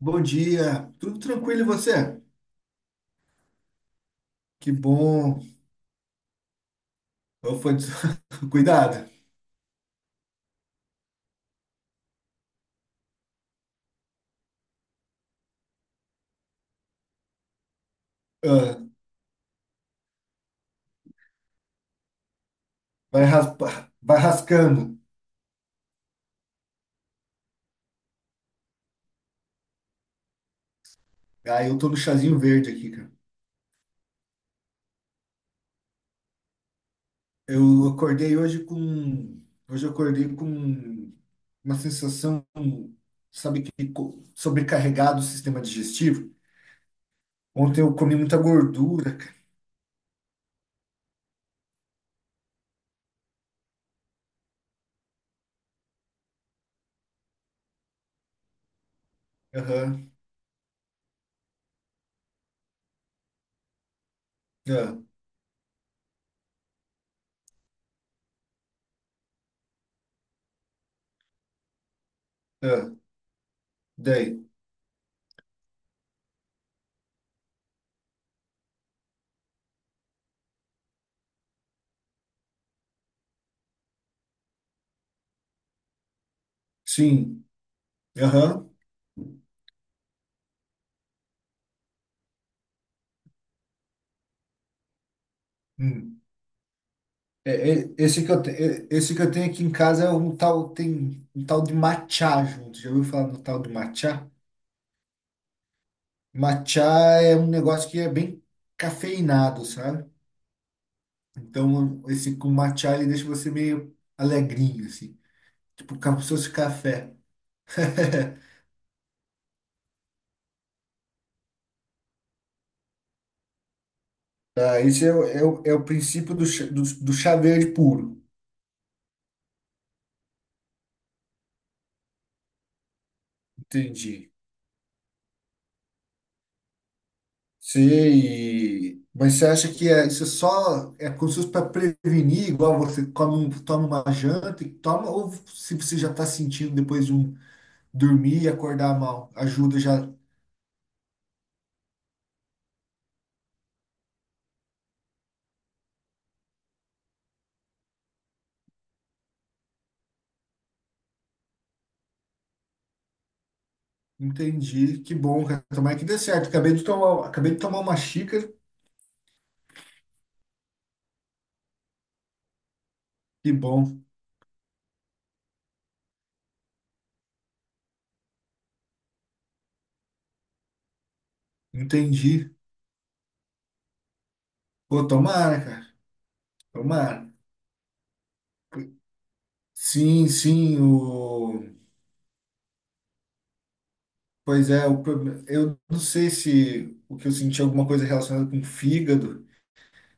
Bom dia, tudo tranquilo e você? Que bom. Eu fui... des- Cuidado. Ah, vai raspar, vai rascando. Ah, eu tô no chazinho verde aqui, cara. Eu acordei hoje com, hoje eu acordei com uma sensação, sabe sobrecarregado o sistema digestivo. Ontem eu comi muita gordura, cara. Aham, ah, ah. Daí, sim, aham. Hum. Esse que eu tenho aqui em casa é um tal, tem um tal de matcha junto. Já ouviu falar no tal do matcha? Matcha é um negócio que é bem cafeinado, sabe? Então, esse com matcha, ele deixa você meio alegrinho, assim. Tipo, como se fosse café. Ah, esse é, o- é, o- é o princípio do, do chá verde puro. Entendi. Sim, mas você acha que é, isso só é como se fosse para prevenir, igual você come, toma uma janta e toma, ou se você já está sentindo depois de um dormir e acordar mal, ajuda já. Entendi, que bom, cara. Tomara que dê certo. Acabei de tomar uma xícara, que bom. Entendi. Pô, tomara, cara. Tomara. Sim, sim, o... pois é, eu não sei se o que eu senti é alguma coisa relacionada com o fígado,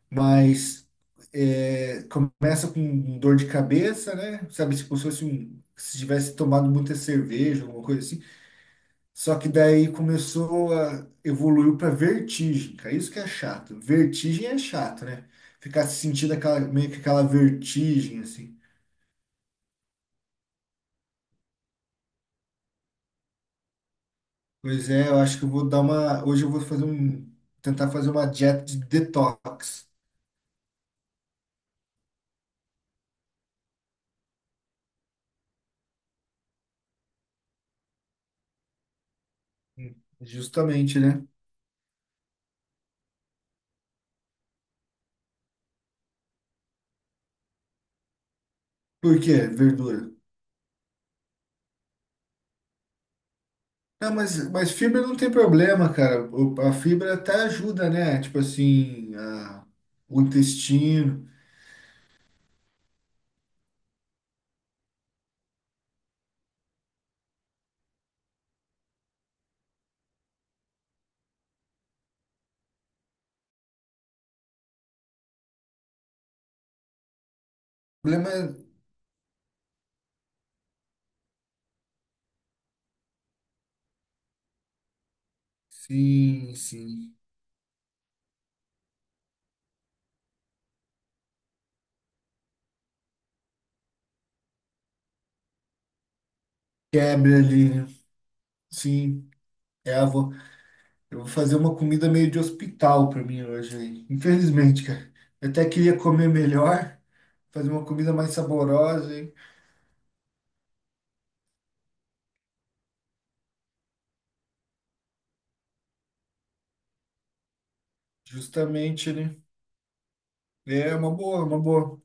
mas é, começa com dor de cabeça, né? Sabe, tipo, se fosse um, se tivesse tomado muita cerveja, alguma coisa assim. Só que daí começou a evoluiu para vertigem, cara. Isso que é chato. Vertigem é chato, né? Ficar sentindo aquela meio que aquela vertigem assim. Pois é, eu acho que eu vou dar uma, hoje eu vou fazer um tentar fazer uma dieta de detox. Justamente, né? Por quê? Verdura. Não, mas fibra não tem problema, cara. A fibra até ajuda, né? Tipo assim, o intestino. O problema é. Sim, sim. Quebra ali, né? Sim. É, eu vou fazer uma comida meio de hospital pra mim hoje aí. Infelizmente, cara. Eu até queria comer melhor, fazer uma comida mais saborosa, hein? Justamente, né? É uma boa, uma boa.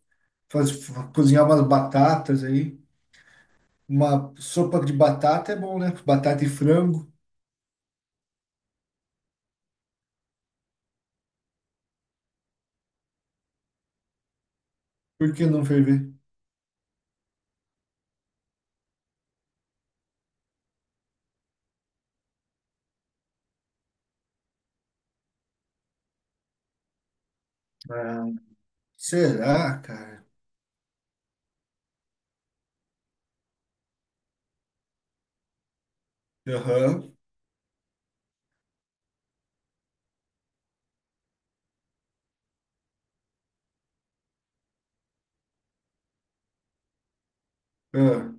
Faz, cozinhar umas batatas aí. Uma sopa de batata é bom, né? Batata e frango. Por que não ferver? Ah, será, cara? Aham. Ah.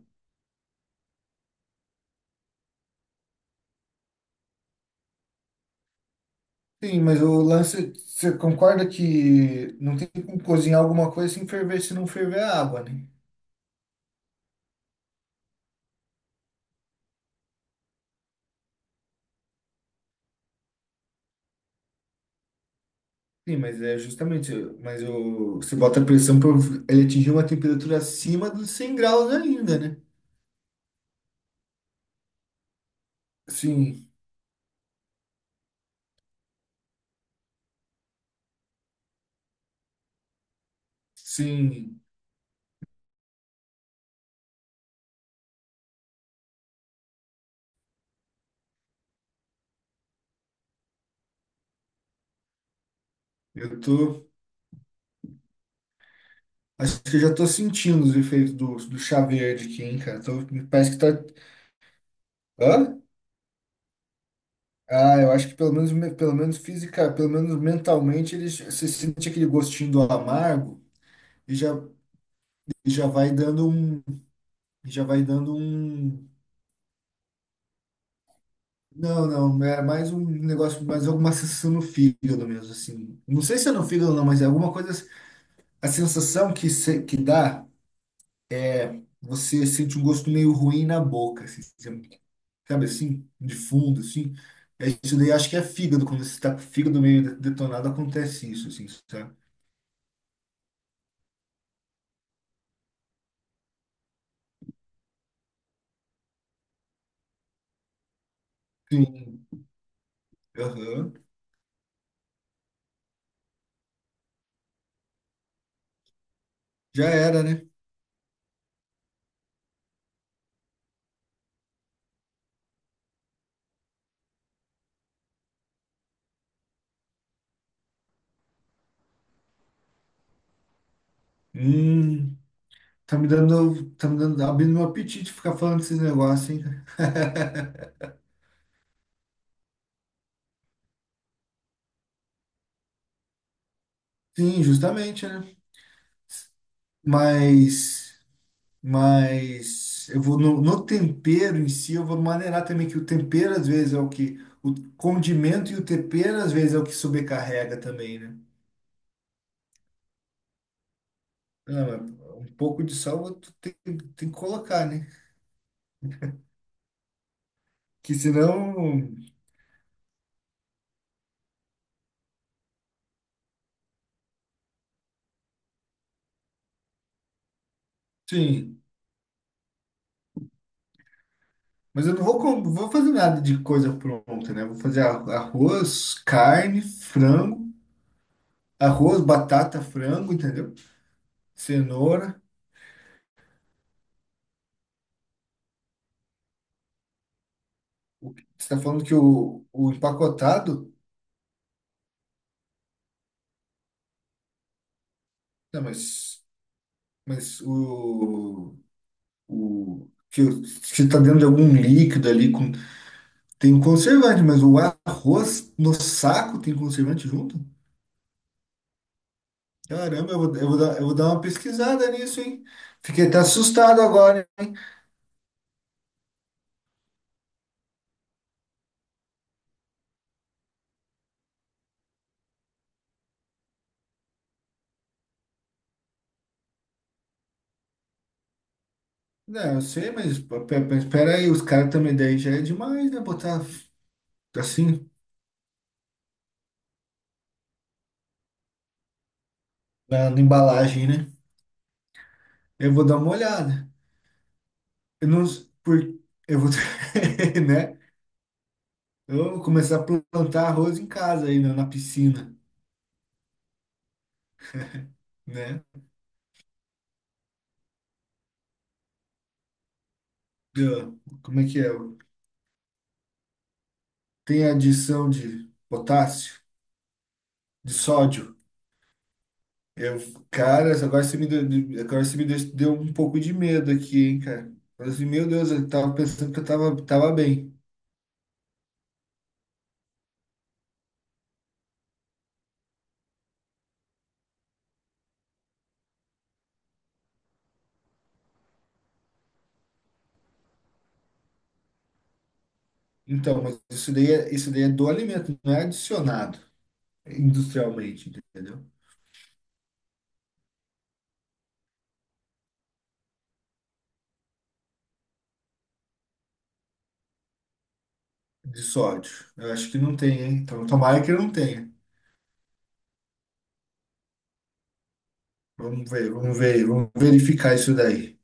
Sim, mas o lance, você concorda que não tem como cozinhar alguma coisa sem ferver, se não ferver a água, né? Sim, mas é justamente, mas o, você bota a pressão para ele atingir uma temperatura acima dos 100 graus ainda, né? Sim, sim, eu tô, acho que eu já tô sentindo os efeitos do, do chá verde aqui, hein, cara? Tô- parece que tá, hã? Ah, eu acho que pelo menos física, pelo menos mentalmente, você sente aquele gostinho do amargo e já, e já vai dando um, já vai dando um, não, não, é mais um negócio, mais alguma sensação no fígado mesmo, assim. Não sei se é no fígado ou não, mas é alguma coisa, a sensação que se- que dá, você sente um gosto meio ruim na boca, assim, sabe assim, de fundo, assim. É isso daí, acho que é fígado, quando você está com o fígado meio detonado, acontece isso, assim, sabe? Sim. Aham. Já era, né? Hum, tá me dando, abrindo meu apetite ficar falando desses negócios, hein? Cara? Sim, justamente, né? Mas, mas eu vou no, no tempero em si, eu vou maneirar também que o tempero às vezes é o que, o condimento e o tempero às vezes é o que sobrecarrega também, né? Ah, mas um pouco de sal tu tem, tem que colocar, né? Que senão, sim. Mas eu não vou, vou fazer nada de coisa pronta, né? Vou fazer arroz, carne, frango, arroz, batata, frango, entendeu? Cenoura. Você está falando que o empacotado. Não, mas o que que está dentro de algum líquido ali com, tem um conservante, mas o arroz no saco tem conservante junto? Caramba, eu vou dar uma pesquisada nisso, hein? Fiquei até assustado agora. Não, eu sei, mas espera aí, os caras também daí já é demais, né? Botar assim na, na embalagem, né? Eu vou dar uma olhada. Eu não, s- por, eu vou, né? Eu vou começar a plantar arroz em casa aí na, na piscina, né? Eu- como é que é? Tem adição de potássio, de sódio. Eu, cara, agora você me deu, deu um pouco de medo aqui, hein, cara? Eu falei assim, meu Deus, eu tava pensando que eu tava, tava bem. Então, mas isso daí é do alimento, não é adicionado industrialmente, entendeu? De sódio. Eu acho que não tem, hein? Então, tomara que não tenha. Vamos ver, vamos ver, vamos verificar isso daí.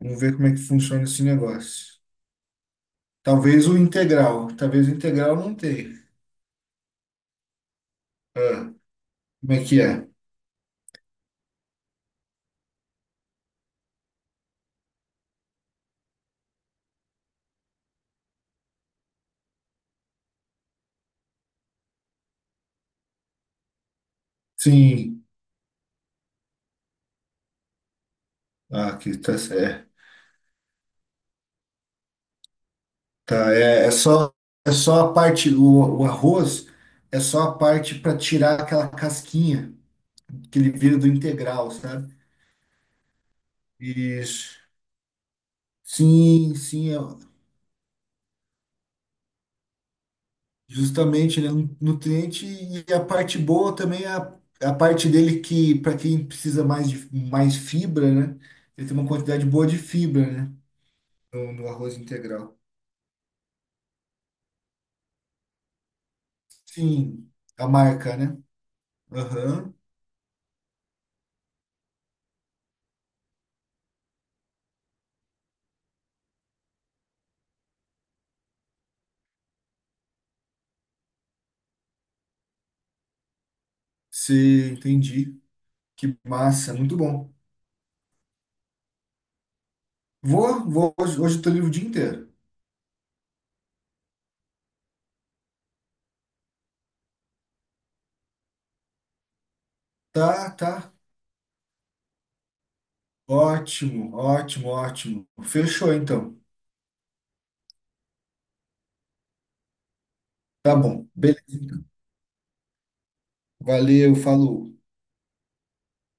Vamos ver como é que funciona esse negócio. Talvez o integral não tenha. Ah, como é que é? Sim. Ah, aqui tá certo. É, tá, é só a parte, o arroz é só a parte para tirar aquela casquinha que ele vira do integral, sabe? Isso. Sim, sim, é- justamente, né? Nutriente e a parte boa também é a, é a parte dele que, para quem precisa mais de mais fibra, né? Ele tem uma quantidade boa de fibra, né? No, no arroz integral. Sim, a marca, né? Aham, você entendi. Que massa, muito bom. Vou, vou, hoje, hoje eu tô livre o dia inteiro. Tá, tá. Ótimo, ótimo, ótimo. Fechou então. Tá bom. Beleza. Então. Valeu, falou.